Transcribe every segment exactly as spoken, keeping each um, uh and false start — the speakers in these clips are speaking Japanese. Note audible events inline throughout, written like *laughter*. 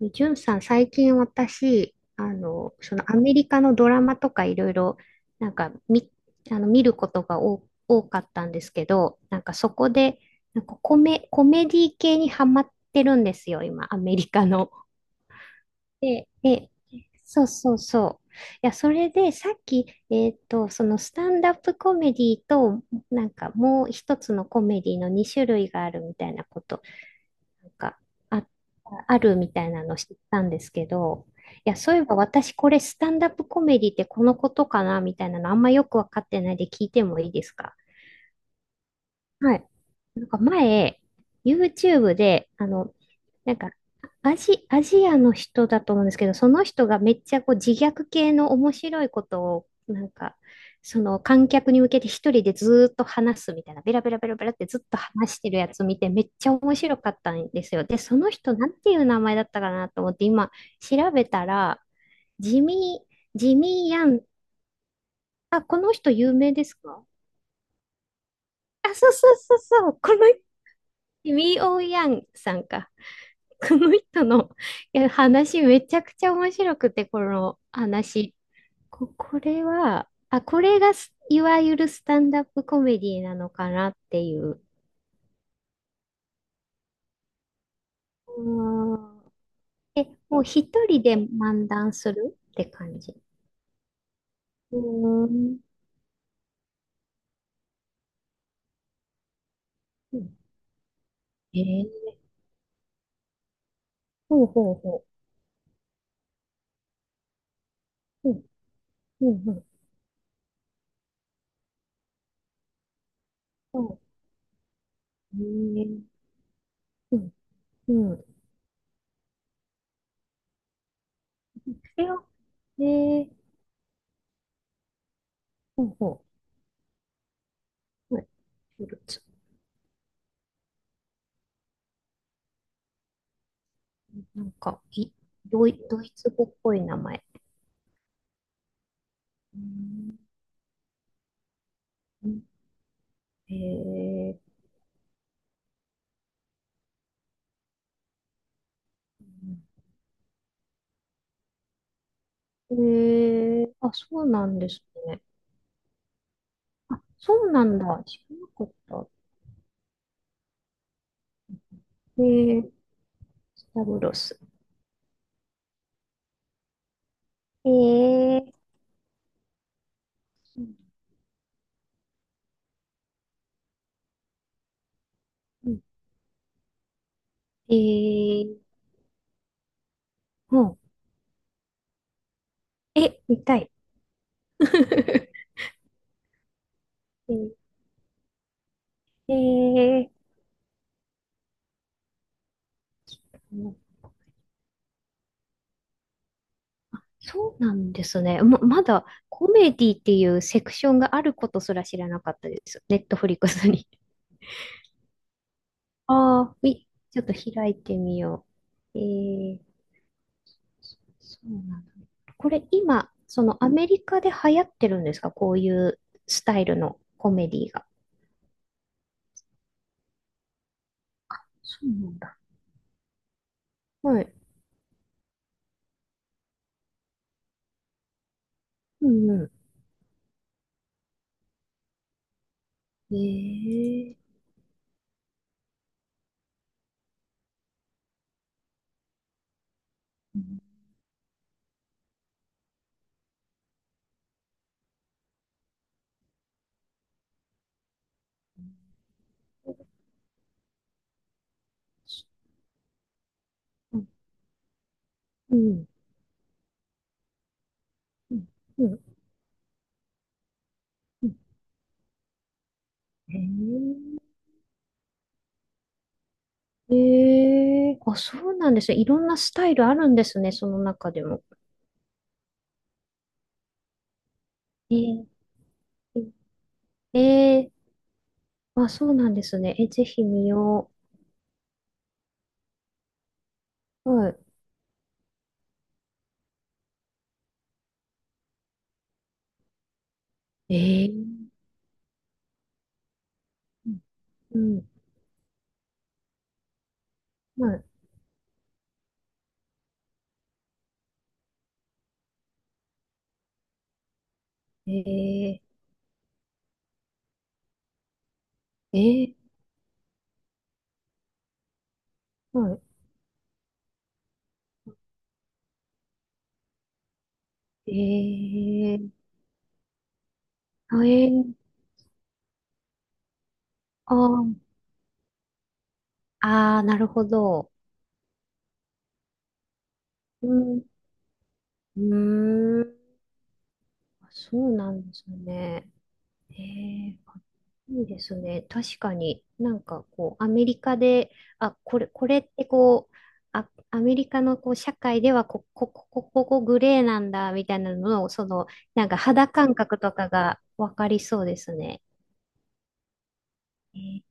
でジュンさん、最近私、あの、そのアメリカのドラマとかいろいろ、なんか見、あの見ることが多多かったんですけど、なんかそこで、なんかコメ、コメディ系にハマってるんですよ、今、アメリカの。で、で、そうそうそう。いや、それでさっき、えっと、そのスタンダップコメディと、なんかもう一つのコメディのに種類があるみたいなことなんか、あ、あるみたいなの知ったんですけど、いや、そういえば私これスタンダップコメディってこのことかなみたいなのあんまよくわかってないで聞いてもいいですか？はい。なんか前、YouTube で、あの、なんか、アジ、アジアの人だと思うんですけど、その人がめっちゃこう自虐系の面白いことを、なんか、その観客に向けて一人でずーっと話すみたいな、ベラベラベラベラってずっと話してるやつ見て、めっちゃ面白かったんですよ。で、その人、なんていう名前だったかなと思って、今、調べたら、ジミー、ジミー・ヤン、あ、この人有名ですか？あ、そうそうそうそう、このジミー・オー・ヤンさんか。この人の *laughs* いや話めちゃくちゃ面白くて、この話。こ、これは、あ、これがすいわゆるスタンダップコメディなのかなっていう。うーん。え、もう一人で漫談するって感じ？うーん。うん。えー、ほうほうほう。うん、うん、うん。ほう。えー。うん、うん。それは、えー、ほうほう。はい。フルーツ。なんか、い、ドイ、ドイツ語っぽい名前。うーん。えー、えー、あ、そうなんですね。あ、そうなんだ。知らなかった。えー、スタブロス。えー、うん。えー、うん。え、見たい。*laughs* えー、えー、そうなんですね。ま、まだコメディっていうセクションがあることすら知らなかったです。ネットフリックスに。ああ、*laughs* み、ちょっと開いてみよう。えー、そそうなんだ。これ今、そのアメリカで流行ってるんですか？こういうスタイルのコメディが。そうなんだ。はい。うんうん。ええ。うん。うん。うん。うん。うん。へえ。ええ。あ、そうなんですね。いろんなスタイルあるんですね。その中でも。ええ。ええ。あ、そうなんですね。え、ぜひ見よう。はい。ええ。うん。うん。はい。ええ。ええ。はい。ええ。あ、えー、あー、あー、なるほど。うん、うーん、あ、そうなんですね。えー、あ、いいですね。確かになんかこう、アメリカで、あ、これ、これってこう、あ、アメリカのこう社会ではこ、こ、こ、こ、ここグレーなんだみたいなのを、その、なんか肌感覚とかがわかりそうですね。えー、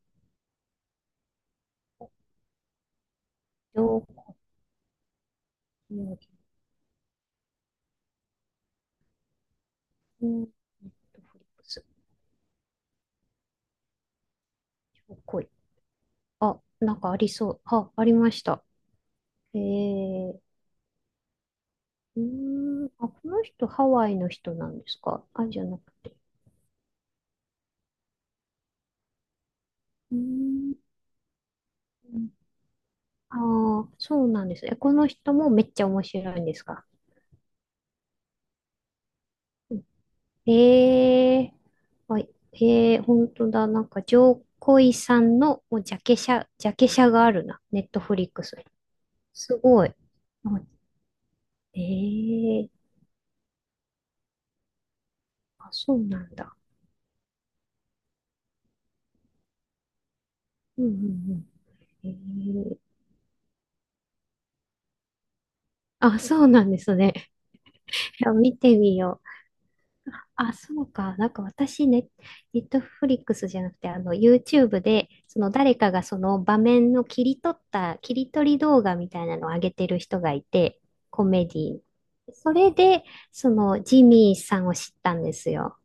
情報料理。うん。ネットフリックス、情報料理。あ、なんかありそう。あ、ありました。ええ。うーん、あ、この人ハワイの人なんですか？あ、じゃなくて。うーん、ああ、そうなんです。え、この人もめっちゃ面白いんですか？ええ。はい。ええ、本当だ。なんか、ジョーコイさんのもうジャケ写、ジャケ写があるな。ネットフリックスに。すごい。あ。ええ。あ、そうなんだ。うんうんうん。ええ。あ、そうなんですね。*laughs* いや見てみよう。あ、そうか。なんか私ね、ネットフリックスじゃなくて、あの、YouTube で、その誰かがその場面の切り取った、切り取り動画みたいなのを上げてる人がいて、コメディ。それで、その、ジミーさんを知ったんですよ。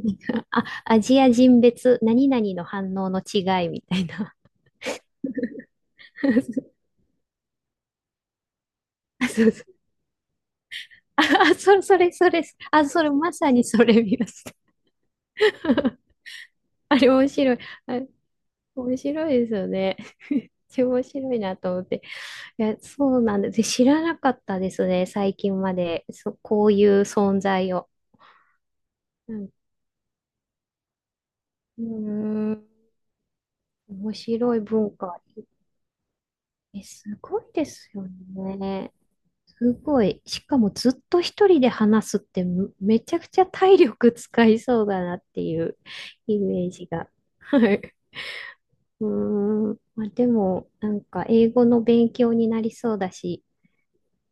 *laughs* あ、アジア人別、何々の反応の違いみたいな。*laughs* あ、そうそう。あ、あそれ、それ、それ、あ、それ、まさにそれ見ました。*laughs* あれ面白い。面白いですよね。*laughs* 超面白いなと思って。いや、そうなんです。知らなかったですね、最近まで。そ、こういう存在を。うん、うーん、面白い文化。え、すごいですよね。すごい。しかもずっと一人で話すってめめちゃくちゃ体力使いそうだなっていうイメージが。はい。うーん。まあ、でも、なんか英語の勉強になりそうだし、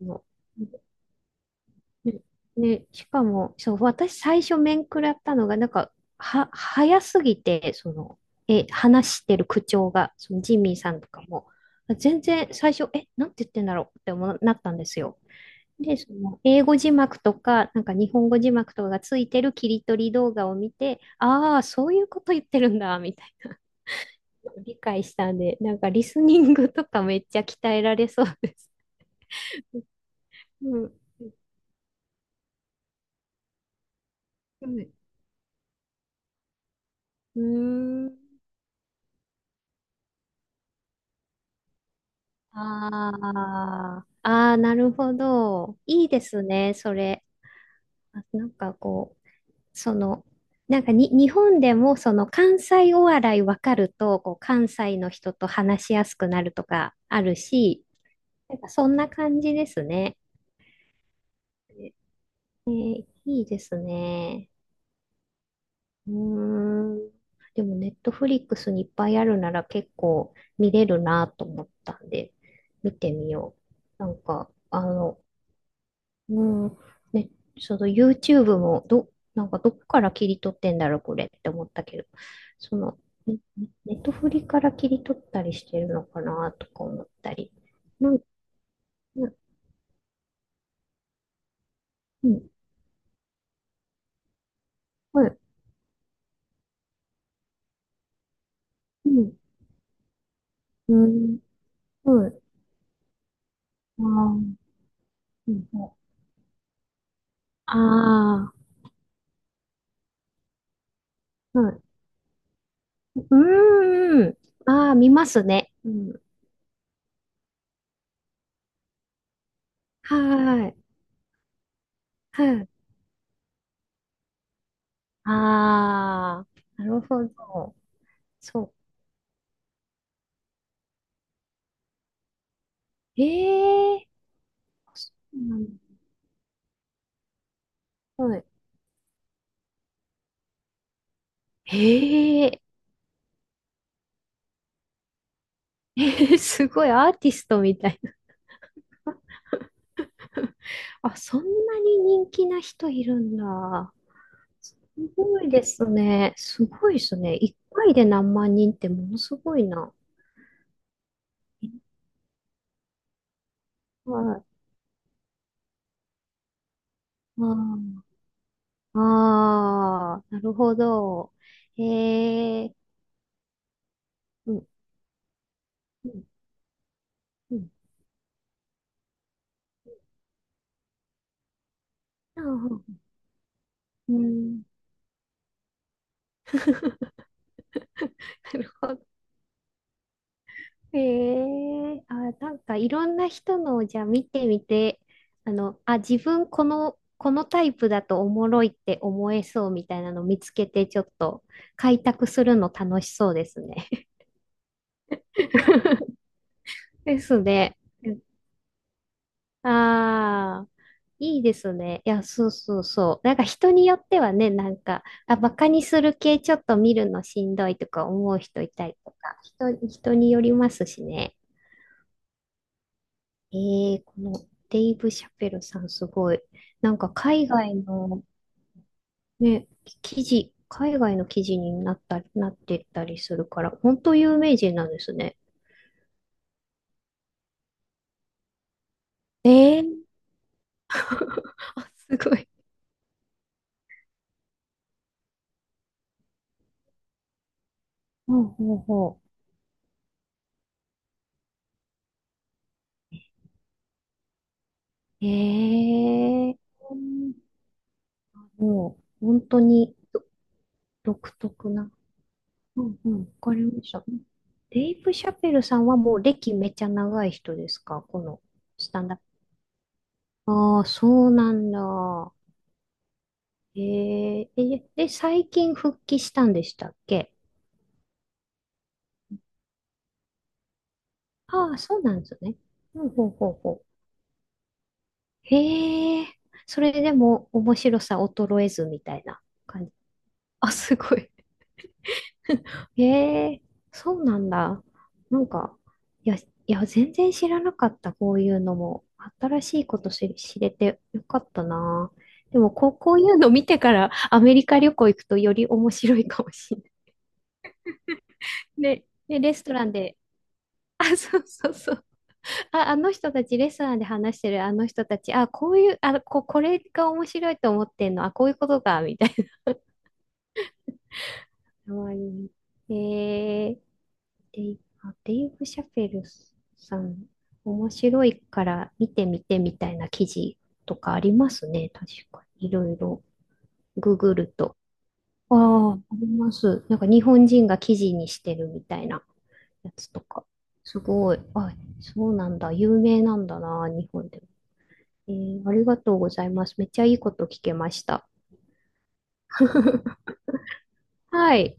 もう、ね、ねしかも、そう、私最初面食らったのが、なんか、は、早すぎて、その、え、話してる口調が、そのジミーさんとかも、全然最初、え、なんて言ってんだろうって思うなったんですよ。で、その、英語字幕とか、なんか日本語字幕とかがついてる切り取り動画を見て、ああ、そういうこと言ってるんだ、みたいな、*laughs* 理解したんで、なんかリスニングとかめっちゃ鍛えられそうです。うん。うん。うーん。ああ、ああ、なるほど。いいですね、それ。あ、なんかこう、その、なんかに、日本でもその関西お笑いわかると、こう、関西の人と話しやすくなるとかあるし、なんかそんな感じですね。え、いいですね。うーん。でも、ネットフリックスにいっぱいあるなら結構見れるなと思ったんで、見てみよう。なんか、あの、うん。ね、その YouTube も、ど、なんかどこから切り取ってんだろう、これって思ったけど、その、ねねネットフリから切り取ったりしてるのかな、とか思ったり。なん、なうん、はい、うん、うん、はい。あー、うん、あー、う、うーん、ああ、見ますね。うん、はーい、はい、ああ、なるほど。そう。ええー、そうなんだ。はい。へえ、*laughs* すごいアーティストみたいな。あ、そんなに人気な人いるんだ。すごいですね。すごいですね。一回で何万人ってものすごいな。はい。ああ、あー、なるほど。へえ、うん、うん、うん。あー、うん *laughs* なるほど。ええ。あ、なんかいろんな人のをじゃあ見てみて、あの、あ、自分この、このタイプだとおもろいって思えそうみたいなの見つけて、ちょっと開拓するの楽しそうですね。*laughs* ですね。ああ、いいですね。いや、そうそうそう。なんか人によってはね、なんか、あ、バカにする系ちょっと見るのしんどいとか思う人いたりとか、人、人によりますしね。ええ、このデイブ・シャペルさんすごい。なんか海外のね、記事、海外の記事になったり、なってったりするから、本当有名人なんですね。ええ。あ、すごい。ほうほうほう。ええ、もう本当に独特な。うんうん、わかりました。デイブ・シャペルさんはもう歴めちゃ長い人ですか？このスタンダップ。ああ、そうなんだ。えー、え、で、最近復帰したんでしたっけ？ああ、そうなんですね。ほうほうほうほう。へえ、それでも面白さ衰えずみたいな感じ。あ、すごい。*laughs* へえ、そうなんだ。なんか、いや、いや、全然知らなかった、こういうのも。新しいことし知れてよかったな。でもこう、こういうの見てからアメリカ旅行行くとより面白いかもしれない。ね、で、レストランで、あ、そうそうそう。あ、あの人たち、レストランで話してるあの人たち、あ、こういう、あ、こ、これが面白いと思ってんの、あ、こういうことか、みたいな。かわいい。えー、デイ、あデイブ・シャペルさん、面白いから見てみてみたいな記事とかありますね、確かに。いろいろ、ググると。ああ、あります。なんか日本人が記事にしてるみたいなやつとか。すごい。あ、そうなんだ。有名なんだな、日本でも。えー、ありがとうございます。めっちゃいいこと聞けました。*laughs* はい。